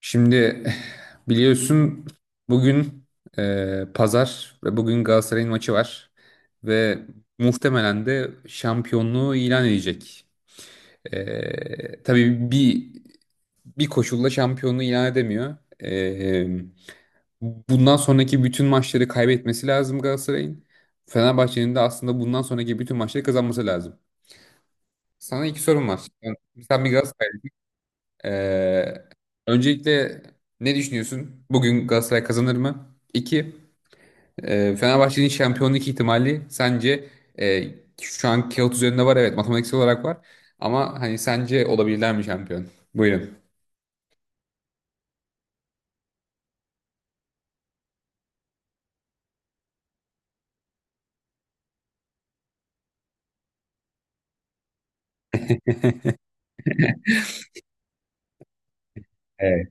Şimdi biliyorsun bugün pazar ve bugün Galatasaray'ın maçı var ve muhtemelen de şampiyonluğu ilan edecek. Tabii bir koşulla şampiyonluğu ilan edemiyor. E, bundan sonraki bütün maçları kaybetmesi lazım Galatasaray'ın. Fenerbahçe'nin de aslında bundan sonraki bütün maçları kazanması lazım. Sana iki sorum var. Sen, sen bir Galatasaraylı, ee, öncelikle ne düşünüyorsun? Bugün Galatasaray kazanır mı? İki, Fenerbahçe'nin şampiyonluk ihtimali sence e, şu an kağıt üzerinde var, evet, matematiksel olarak var ama hani sence olabilirler mi şampiyon? Buyurun. Evet.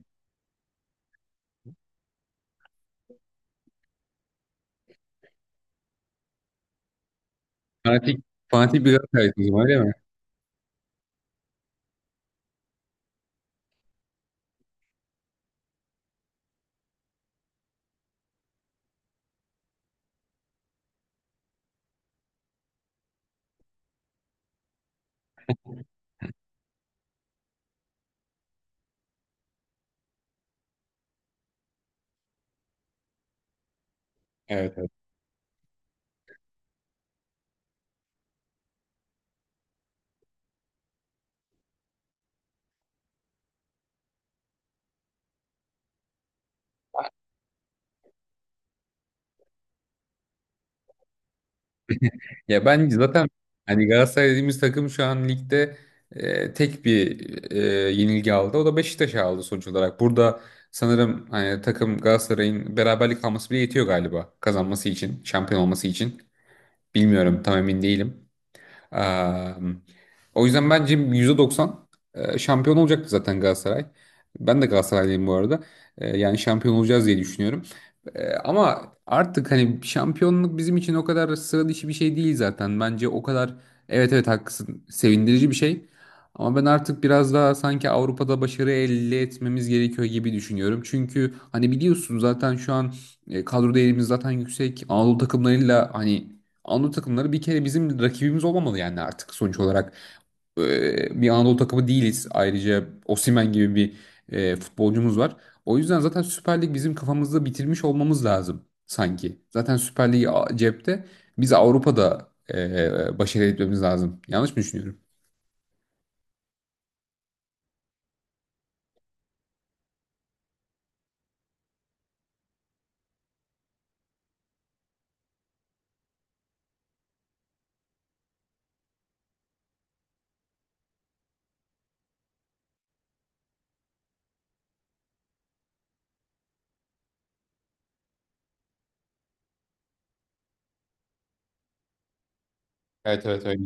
Fanatik, fanatik bir Galatasaraylısınız ama öyle mi? Evet. Ya ben zaten hani Galatasaray dediğimiz takım şu an ligde tek bir yenilgi aldı. O da Beşiktaş'a aldı sonuç olarak. Burada sanırım hani takım Galatasaray'ın beraberlik alması bile yetiyor galiba kazanması için, şampiyon olması için. Bilmiyorum, tam emin değilim. Eee, o yüzden bence %90 şampiyon olacaktı zaten Galatasaray. Ben de Galatasaraylıyım bu arada. Yani şampiyon olacağız diye düşünüyorum. Ama artık hani şampiyonluk bizim için o kadar sıra dışı bir şey değil zaten. Bence o kadar, evet, evet, haklısın, sevindirici bir şey. Ama ben artık biraz daha sanki Avrupa'da başarı elde etmemiz gerekiyor gibi düşünüyorum. Çünkü hani biliyorsun zaten şu an kadro değerimiz zaten yüksek. Anadolu takımlarıyla hani Anadolu takımları bir kere bizim rakibimiz olmamalı yani artık sonuç olarak bir Anadolu takımı değiliz. Ayrıca Osimhen gibi bir futbolcumuz var. O yüzden zaten Süper Lig bizim kafamızda bitirmiş olmamız lazım sanki. Zaten Süper Lig cepte. Biz Avrupa'da başarı etmemiz lazım. Yanlış mı düşünüyorum? Evet, evet, öyle.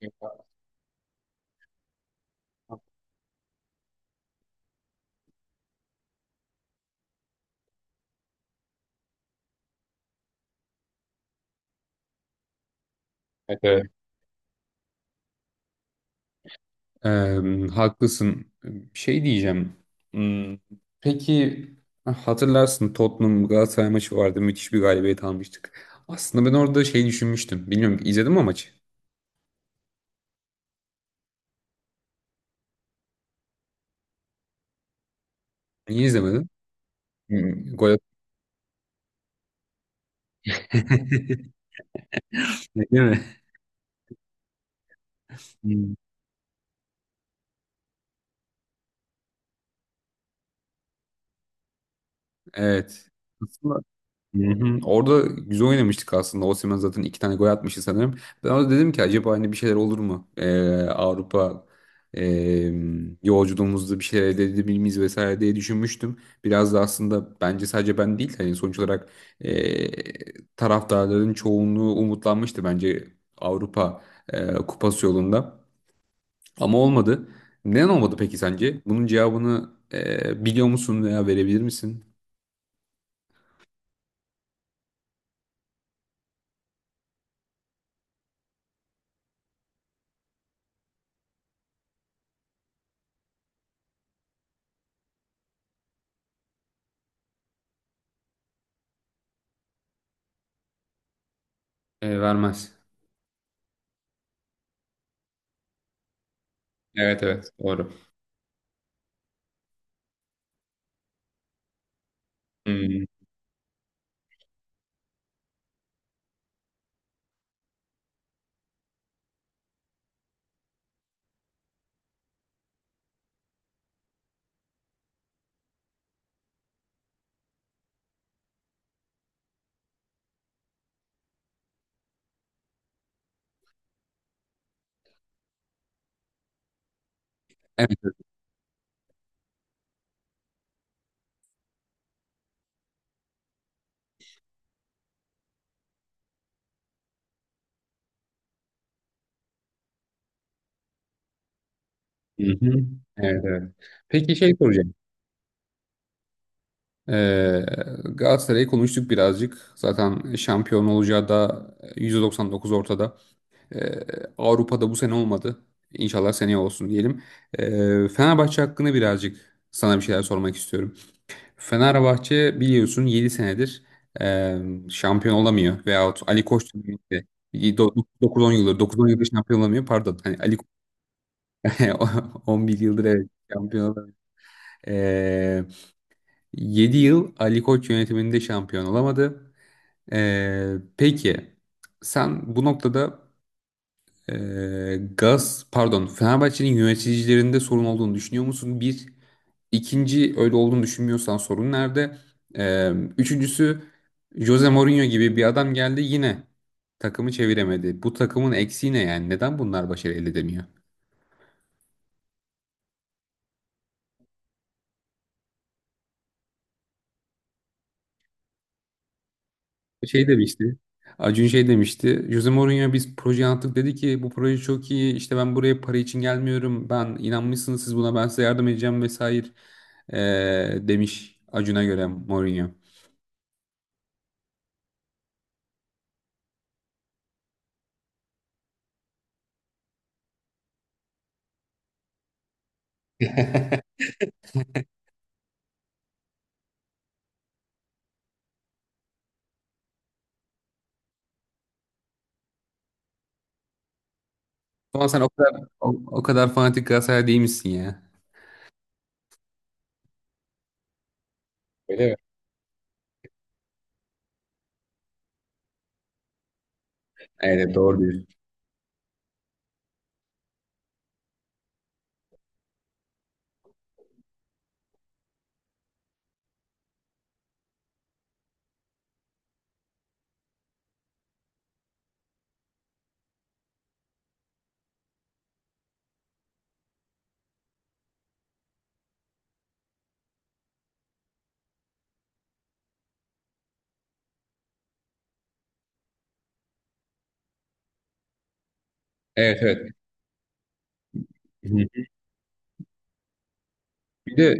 Evet, evet. Ee, haklısın. Şey diyeceğim. Hmm, Peki, hatırlarsın, Tottenham Galatasaray maçı vardı. Müthiş bir galibiyet almıştık. Aslında ben orada şey düşünmüştüm. Bilmiyorum, izledin mi o maçı? Niye izlemedin? Gol atmış değil mi? Hmm. Evet. Hı hı. Orada güzel oynamıştık aslında. Osimhen zaten iki tane gol atmıştı sanırım. Ben orada dedim ki acaba hani bir şeyler olur mu? Avrupa e, yolculuğumuzda bir şeyler elde edebilir miyiz vesaire diye düşünmüştüm. Biraz da aslında bence sadece ben değil hani sonuç olarak taraftarların çoğunluğu umutlanmıştı bence Avrupa kupası yolunda. Ama olmadı. Neden olmadı peki sence? Bunun cevabını biliyor musun veya verebilir misin? Vermez. Evet, evet, doğru. Hmm. Evet. Hı hı. Evet, evet. Peki şey soracağım. Ee, Galatasaray'ı konuştuk birazcık. Zaten şampiyon olacağı da %99 ortada. Ee, Avrupa'da bu sene olmadı. İnşallah seneye olsun diyelim. Fenerbahçe hakkında birazcık sana bir şeyler sormak istiyorum. Fenerbahçe biliyorsun 7 senedir e, şampiyon olamıyor. Veyahut Ali Koç döneminde 9-10 yıldır, 9-10 yıldır şampiyon olamıyor. Pardon. Hani Ali 11 yıldır, evet, şampiyon olamıyor. Ee, 7 yıl Ali Koç yönetiminde şampiyon olamadı. Peki sen bu noktada, e, Gaz pardon, Fenerbahçe'nin yöneticilerinde sorun olduğunu düşünüyor musun? Bir, ikinci, öyle olduğunu düşünmüyorsan sorun nerede? Ee, üçüncüsü, Jose Mourinho gibi bir adam geldi, yine takımı çeviremedi. Bu takımın eksiği ne yani? Neden bunlar başarı elde edemiyor? Şey demişti. Acun şey demişti. Jose Mourinho, biz proje yaptık, dedi ki bu proje çok iyi. İşte ben buraya para için gelmiyorum. Ben inanmışsınız siz buna, ben size yardım edeceğim vesaire, demiş Acun'a göre Mourinho. Ama sen o kadar fanatik Galatasaray değil misin ya? Öyle mi? Evet, doğru diyorsun. Evet, evet. Hı. Bir de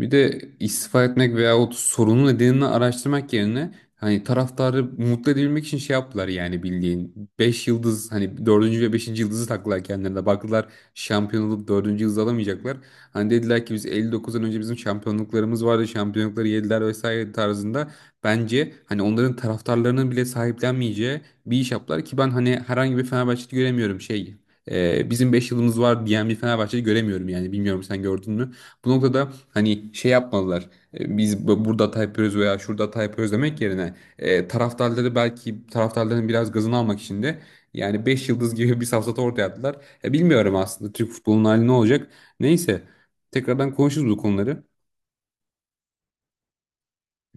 Bir de istifa etmek veyahut sorunun nedenini araştırmak yerine, hani taraftarı mutlu edebilmek için şey yaptılar, yani bildiğin 5 yıldız. Hani dördüncü ve beşinci yıldızı taktılar, kendilerine baktılar, şampiyon olup dördüncü yıldız alamayacaklar. Hani dediler ki biz 59'dan önce bizim şampiyonluklarımız vardı, şampiyonlukları yediler vesaire tarzında. Bence hani onların taraftarlarının bile sahiplenmeyeceği bir iş yaptılar ki ben hani herhangi bir Fenerbahçe'de göremiyorum şey. Bizim 5 yılımız var diyen bir Fenerbahçe'de göremiyorum yani. Bilmiyorum, sen gördün mü? Bu noktada hani şey yapmalılar. Biz burada hata yapıyoruz veya şurada hata yapıyoruz demek yerine, taraftarları, belki taraftarların biraz gazını almak için de, yani 5 yıldız gibi bir safsata ortaya attılar. Bilmiyorum aslında Türk futbolunun hali ne olacak. Neyse, tekrardan konuşuruz bu konuları.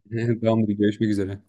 Tamamdır, görüşmek üzere.